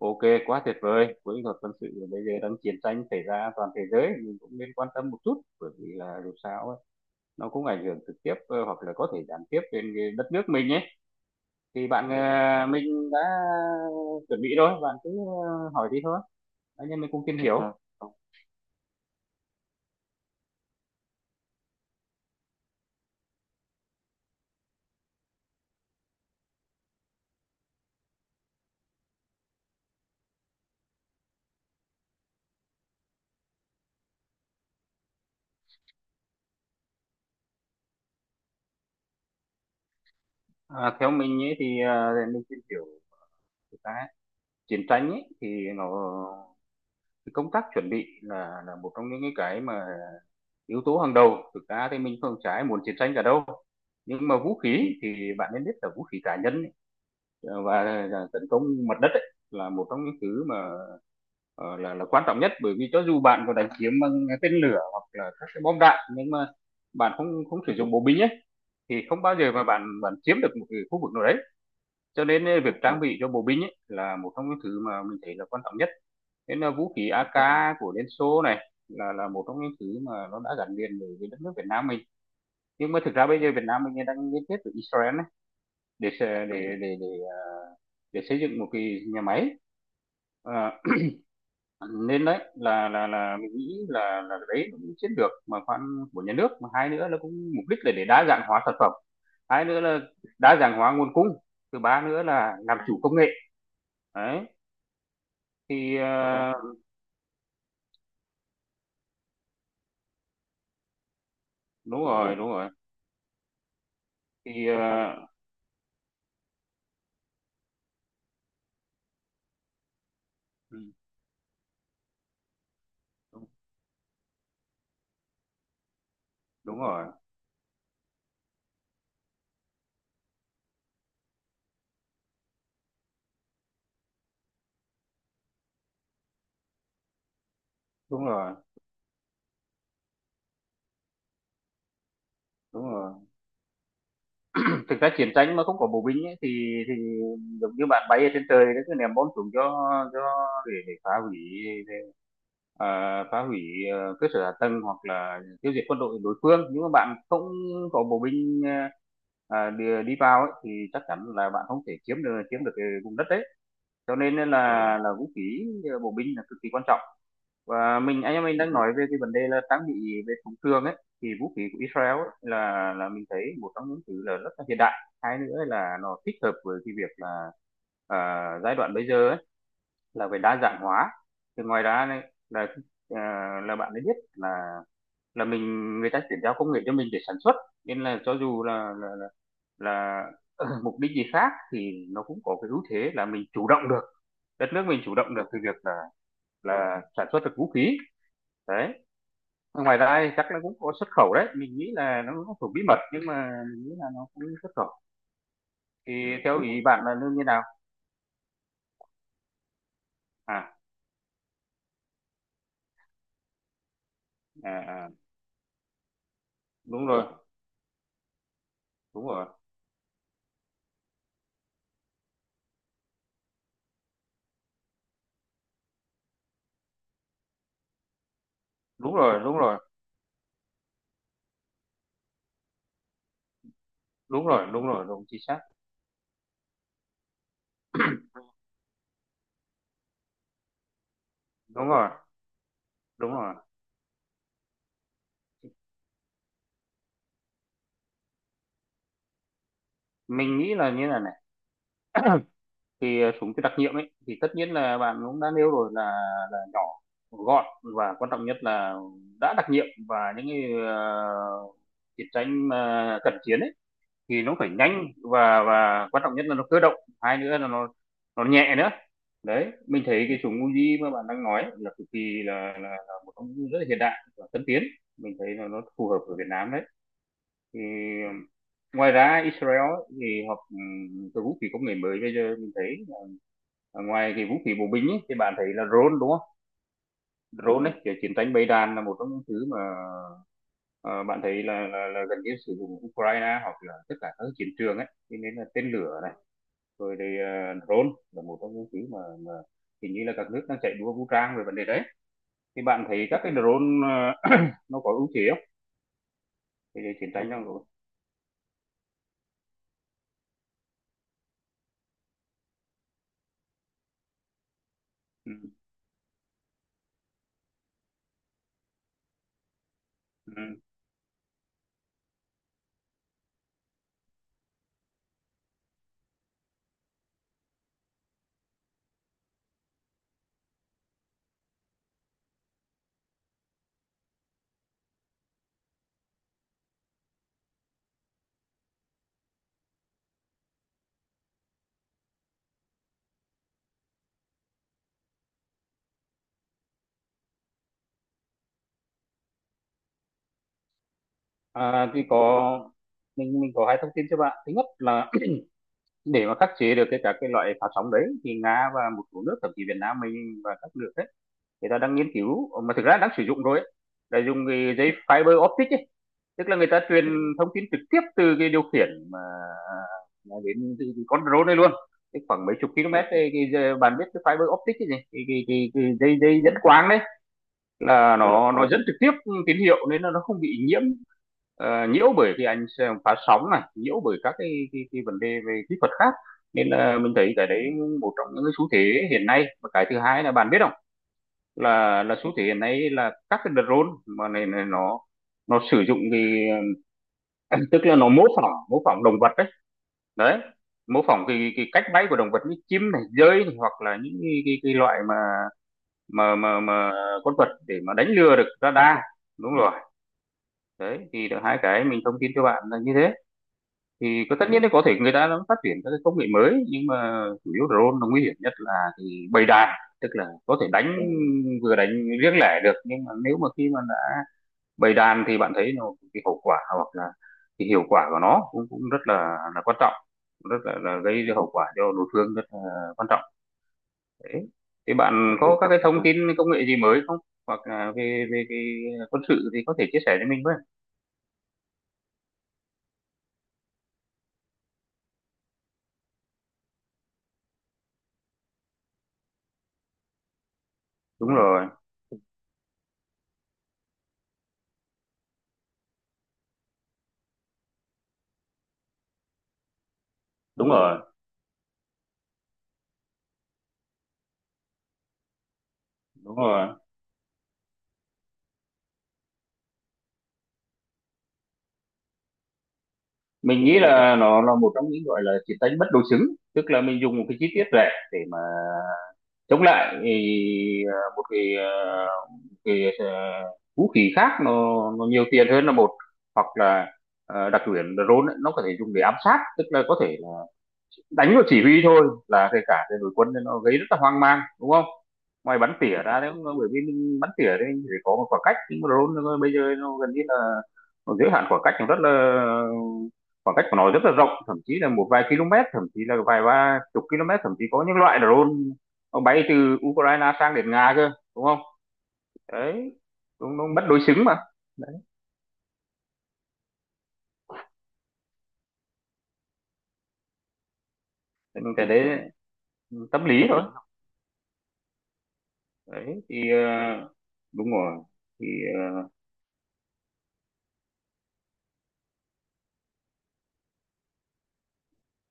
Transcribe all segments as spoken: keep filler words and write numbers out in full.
Ok, quá tuyệt vời. Với luật quân sự bây giờ đang chiến tranh xảy ra toàn thế giới, mình cũng nên quan tâm một chút bởi vì là dù sao ấy, nó cũng ảnh hưởng trực tiếp, ờ, hoặc là có thể gián tiếp đến cái đất nước mình ấy. Thì bạn, ờ, mình đã chuẩn bị rồi, bạn cứ ờ, hỏi đi thôi. Anh em mình cùng tìm hiểu. Ờ, À, theo mình ấy thì ờ, để mình tìm hiểu cái cái chiến tranh ấy thì nó, cái công tác chuẩn bị là là một trong những cái cái mà yếu tố hàng đầu, thực ra thì mình không trái muốn chiến tranh cả đâu. Nhưng mà vũ khí thì bạn nên biết là vũ khí cá nhân ấy, và tấn công mặt đất ấy, là một trong những thứ mà ờ, là là quan trọng nhất, bởi vì cho dù bạn có đánh chiếm bằng tên lửa hoặc là các cái bom đạn, nhưng mà bạn không không sử dụng bộ binh ấy thì không bao giờ mà bạn bạn chiếm được một cái khu vực nào đấy. Cho nên ấy, việc trang bị cho bộ binh ấy, là một trong những thứ mà mình thấy là quan trọng nhất. Nên là vũ khí a ca của Liên Xô này là là một trong những thứ mà nó đã gắn liền với với đất nước Việt Nam mình. Nhưng mà thực ra bây giờ Việt Nam mình đang liên kết với Israel ấy, để sẽ- để để để à, để xây dựng một cái nhà máy. À, Nên đấy là là là mình nghĩ là là đấy là cũng chiến lược mà khoan của nhà nước, mà hai nữa là cũng mục đích là để đa dạng hóa sản phẩm, hai nữa là đa dạng hóa nguồn cung, thứ ba nữa là làm chủ công nghệ. Đấy. Thì à, đúng rồi, đúng rồi. Thì à, ừ, đúng, đúng rồi, đúng rồi, đúng rồi. Thực ra chiến tranh mà không có bộ binh ấy, thì thì giống như bạn bay ở trên trời nó cứ ném bom xuống, cho cho để, để phá hủy, để, à, phá hủy ờ, cơ sở hạ tầng hoặc là tiêu diệt quân đội đối phương, nhưng mà bạn không có bộ binh à, à, đi, đi vào ấy, thì chắc chắn là bạn không thể chiếm được chiếm được cái vùng đất đấy. Cho nên là là vũ khí ờ, bộ binh là cực kỳ quan trọng. Và mình anh em mình đang nói về cái vấn đề là trang bị về súng trường ấy, thì vũ khí của Israel ấy, là là mình thấy một trong những thứ là rất là hiện đại. Hai nữa là nó thích hợp với cái việc là à, giai đoạn bây giờ ấy, là về đa dạng hóa. Thì ngoài ra này là à, là bạn ấy biết là, là mình, người ta chuyển giao công nghệ cho mình để sản xuất, nên là cho dù là là là, là mục đích gì khác thì nó cũng có cái ưu thế là mình chủ động được, đất nước mình chủ động được từ việc là là sản xuất được vũ khí. Đấy. Ngoài ra chắc nó cũng có xuất khẩu đấy, mình nghĩ là nó cũng thuộc bí mật nhưng mà mình nghĩ là nó cũng xuất khẩu. Thì theo ý bạn là lương như nào? à, à, à đúng rồi, đúng rồi, đúng rồi, đúng rồi, đúng rồi, đúng rồi, đúng chính xác. Đúng rồi, đúng rồi. Mình nghĩ là như là này. Thì súng cái đặc nhiệm ấy thì tất nhiên là bạn cũng đã nêu rồi là là nhỏ gọn, và quan trọng nhất là đã đặc nhiệm, và những cái ờ, chiến tranh mà cận chiến ấy thì nó phải nhanh, và và quan trọng nhất là nó cơ động, hai nữa là nó nó nhẹ nữa. Đấy mình thấy cái súng Uzi mà bạn đang nói là cực kỳ là, là, là một công cụ rất là hiện đại và tân tiến, mình thấy là nó phù hợp ở Việt Nam đấy. Thì um, ngoài ra Israel ấy, thì họ ừm, cái vũ khí công nghệ mới bây giờ mình thấy là, ngoài cái vũ khí bộ binh ấy, thì bạn thấy là drone đúng không. Drone ấy kiểu chiến tranh bầy đàn là một trong những thứ mà ờ, bạn thấy là, là, là gần như sử dụng Ukraine hoặc là tất cả các chiến trường ấy, cho nên là tên lửa rồi thì uh, drone là một trong những thứ mà, mà hình như là các nước đang chạy đua vũ trang về vấn đề đấy. Thì bạn thấy các cái drone, ờ, nó có ưu thế không thì để chiến tranh trong rồi. Ừ. Ừ. À, thì có, mình mình có hai thông tin cho bạn. Thứ nhất là, để mà khắc chế được cái các cái loại phát sóng đấy, thì Nga và một số nước, thậm chí Việt Nam mình và các nước đấy người ta đang nghiên cứu. Ờ, mà thực ra đang sử dụng rồi ấy, là dùng cái dây fiber optic ấy, tức là người ta truyền thông tin trực tiếp từ cái điều khiển mà đến con drone này luôn, cái khoảng mấy chục km đây, cái, cái, bạn biết cái fiber optic, cái gì, cái, cái, cái, cái dây dây dẫn quang đấy, là nó nó dẫn trực tiếp tín hiệu, nên là nó không bị nhiễm ờ, nhiễu bởi cái ánh phá sóng này, nhiễu bởi các cái, cái, cái vấn đề về kỹ thuật khác, nên là mình thấy cái đấy một trong những cái xu thế hiện nay. Và cái thứ hai là bạn biết không, là là xu thế hiện nay là các cái drone mà này, này nó, nó sử dụng cái, tức là nó mô phỏng mô phỏng động vật đấy. Đấy, mô phỏng cái cái cách bay của động vật như chim này, dơi này, hoặc là những cái, cái, cái loại mà mà mà mà con vật để mà đánh lừa được radar. Đúng rồi. Đấy thì được hai cái mình thông tin cho bạn là như thế. Thì có, tất nhiên là có thể người ta nó phát triển các cái công nghệ mới, nhưng mà chủ yếu drone nó nguy hiểm nhất là cái bầy đàn, tức là có thể đánh, vừa đánh riêng lẻ được, nhưng mà nếu mà khi mà đã bầy đàn thì bạn thấy nó cái hậu quả, hoặc là cái hiệu quả của nó cũng cũng rất là là quan trọng, rất là, là gây hậu quả cho đối phương rất là quan trọng. Đấy. Thì bạn có các cái thông tin công nghệ gì mới không, hoặc là về về cái quân sự thì có thể chia sẻ cho mình với. Đúng rồi, đúng rồi, đúng rồi. Mình nghĩ là nó là một trong những gọi là chiến tranh bất đối xứng, tức là mình dùng một cái chi tiết rẻ để mà chống lại thì, à, một cái, à, cái à, vũ khí khác nó, nó nhiều tiền hơn là một, hoặc là à, đặc quyền drone ấy, nó có thể dùng để ám sát, tức là có thể là đánh vào chỉ huy thôi là kể cả cái đội quân, nên nó gây rất là hoang mang đúng không. Ngoài bắn tỉa ra đấy, bởi vì mình bắn tỉa đấy thì phải có một khoảng cách, nhưng mà drone nó- bây giờ nó gần như là, nó giới hạn khoảng cách cũng rất là, khoảng cách của nó rất là rộng, thậm chí là một vài km, thậm chí là vài ba chục km, thậm chí có những loại drone nó bay từ Ukraine sang đến Nga cơ đúng không. Đấy. Đúng, đúng, mất đối xứng mà. Đấy. Nhưng cái đấy tâm lý thôi. Đấy thì ờ, đúng rồi. Thì ờ,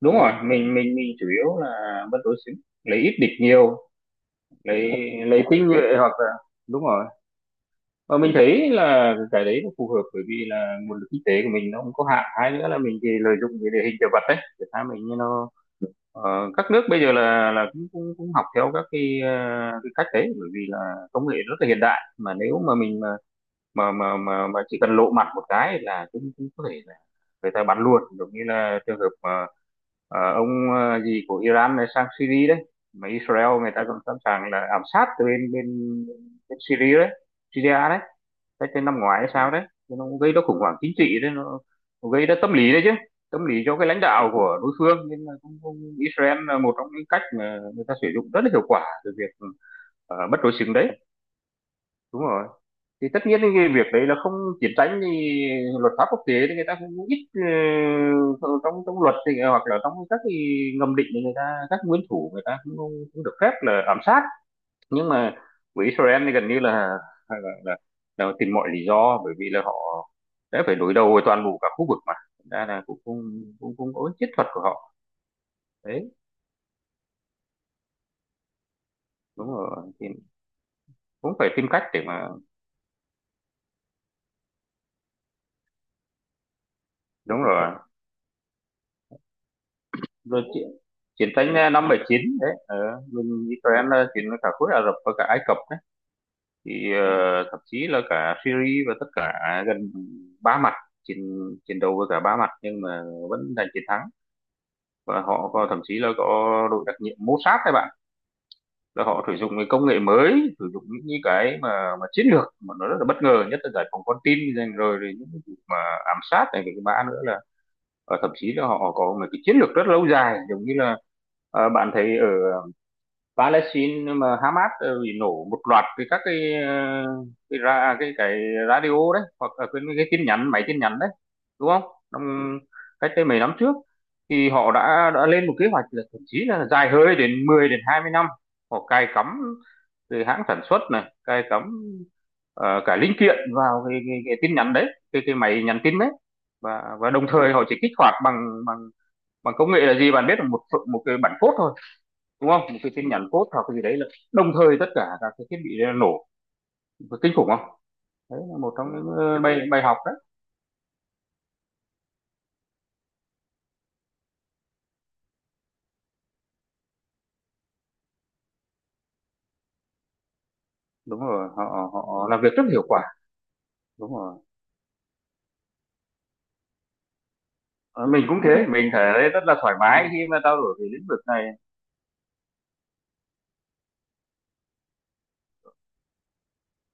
đúng rồi, mình mình mình chủ yếu là mất đối xứng, lấy ít địch nhiều, lấy lấy tinh nhuệ, hoặc là đúng rồi. Và mình thấy là cái đấy nó phù hợp bởi vì là nguồn lực kinh tế của mình nó không có hạn, hay nữa là mình thì lợi dụng cái địa hình địa vật đấy để tha mình như nó, ờ, các nước bây giờ là là cũng cũng, cũng học theo các cái, ờ, cái cách đấy, bởi vì là công nghệ rất là hiện đại mà nếu mà mình mà mà mà mà, mà chỉ cần lộ mặt một cái là cũng cũng có thể là người ta bắn luôn, giống như là trường hợp mà ờ, ông ờ, gì của Iran này sang Syria đấy, mà Israel người ta còn sẵn sàng là ám sát từ bên bên, bên Syria đấy. Syria đấy cái cái năm ngoái hay sao đấy. Thế nó cũng gây ra khủng hoảng chính trị đấy, nó, nó gây ra tâm lý đấy chứ, tâm lý cho cái lãnh đạo của đối phương, nên là cũng, cũng Israel là một trong những cách mà người ta sử dụng rất là hiệu quả từ việc ờ, bất đối xứng đấy. Đúng rồi. Thì tất nhiên cái việc đấy là không, chiến tranh thì luật pháp quốc tế thì người ta cũng ít ờ, trong trong luật thì, hoặc là trong các cái ngầm định thì người ta, các nguyên thủ người ta cũng, cũng được phép là ám sát. Nhưng mà với Israel thì gần như là là, là, là tìm mọi lý do, bởi vì là họ đã phải đối đầu với toàn bộ cả khu vực mà. Thành ra là cũng cũng cũng, cũng có chiến thuật của họ đấy. Đúng rồi. Thì cũng phải tìm cách để mà đúng rồi. rồi chiến, chiến tranh à, năm bảy chín đấy, ờ, bên Israel là chiến với cả khối Ả Rập và cả Ai Cập đấy, thì ờ, thậm chí là cả Syria và tất cả, gần ba mặt, chiến chiến đấu với cả ba mặt nhưng mà vẫn giành chiến thắng. Và họ có, thậm chí là có đội đặc nhiệm Mossad các bạn, là họ sử dụng cái công nghệ mới, sử dụng những cái mà mà chiến lược mà nó rất là bất ngờ, nhất là giải phóng con tin, rồi những cái vụ mà ám sát này, cái mã nữa là, ờ, thậm chí là họ có một cái chiến lược rất lâu dài, giống như là ờ, bạn thấy ở Palestine mà Hamas ờ, bị nổ một loạt cái các cái ờ, cái ra à, cái cái radio đấy, hoặc là cái, cái tin nhắn máy, tin nhắn đấy đúng không. Năm, cách đây mấy năm trước, thì họ đã đã lên một kế hoạch là thậm chí là dài hơi đến mười đến hai mươi năm. Họ cài cắm từ hãng sản xuất này, cài cắm ờ, cả linh kiện vào cái, cái, cái tin nhắn đấy, cái cái máy nhắn tin đấy. Và và đồng thời họ chỉ kích hoạt bằng bằng bằng công nghệ là gì, bạn biết là một ph- một cái bản code thôi đúng không, một cái tin nhắn code hoặc cái gì đấy, là đồng thời tất cả các cái thiết bị đấy là nổ. Có kinh khủng không. Đấy là một trong những ờ, bài bài học đấy. Đúng rồi, họ họ làm việc rất hiệu quả. Đúng rồi. Ờ, mình cũng thế, mình thấy rất là thoải mái khi mà trao đổi về lĩnh vực này.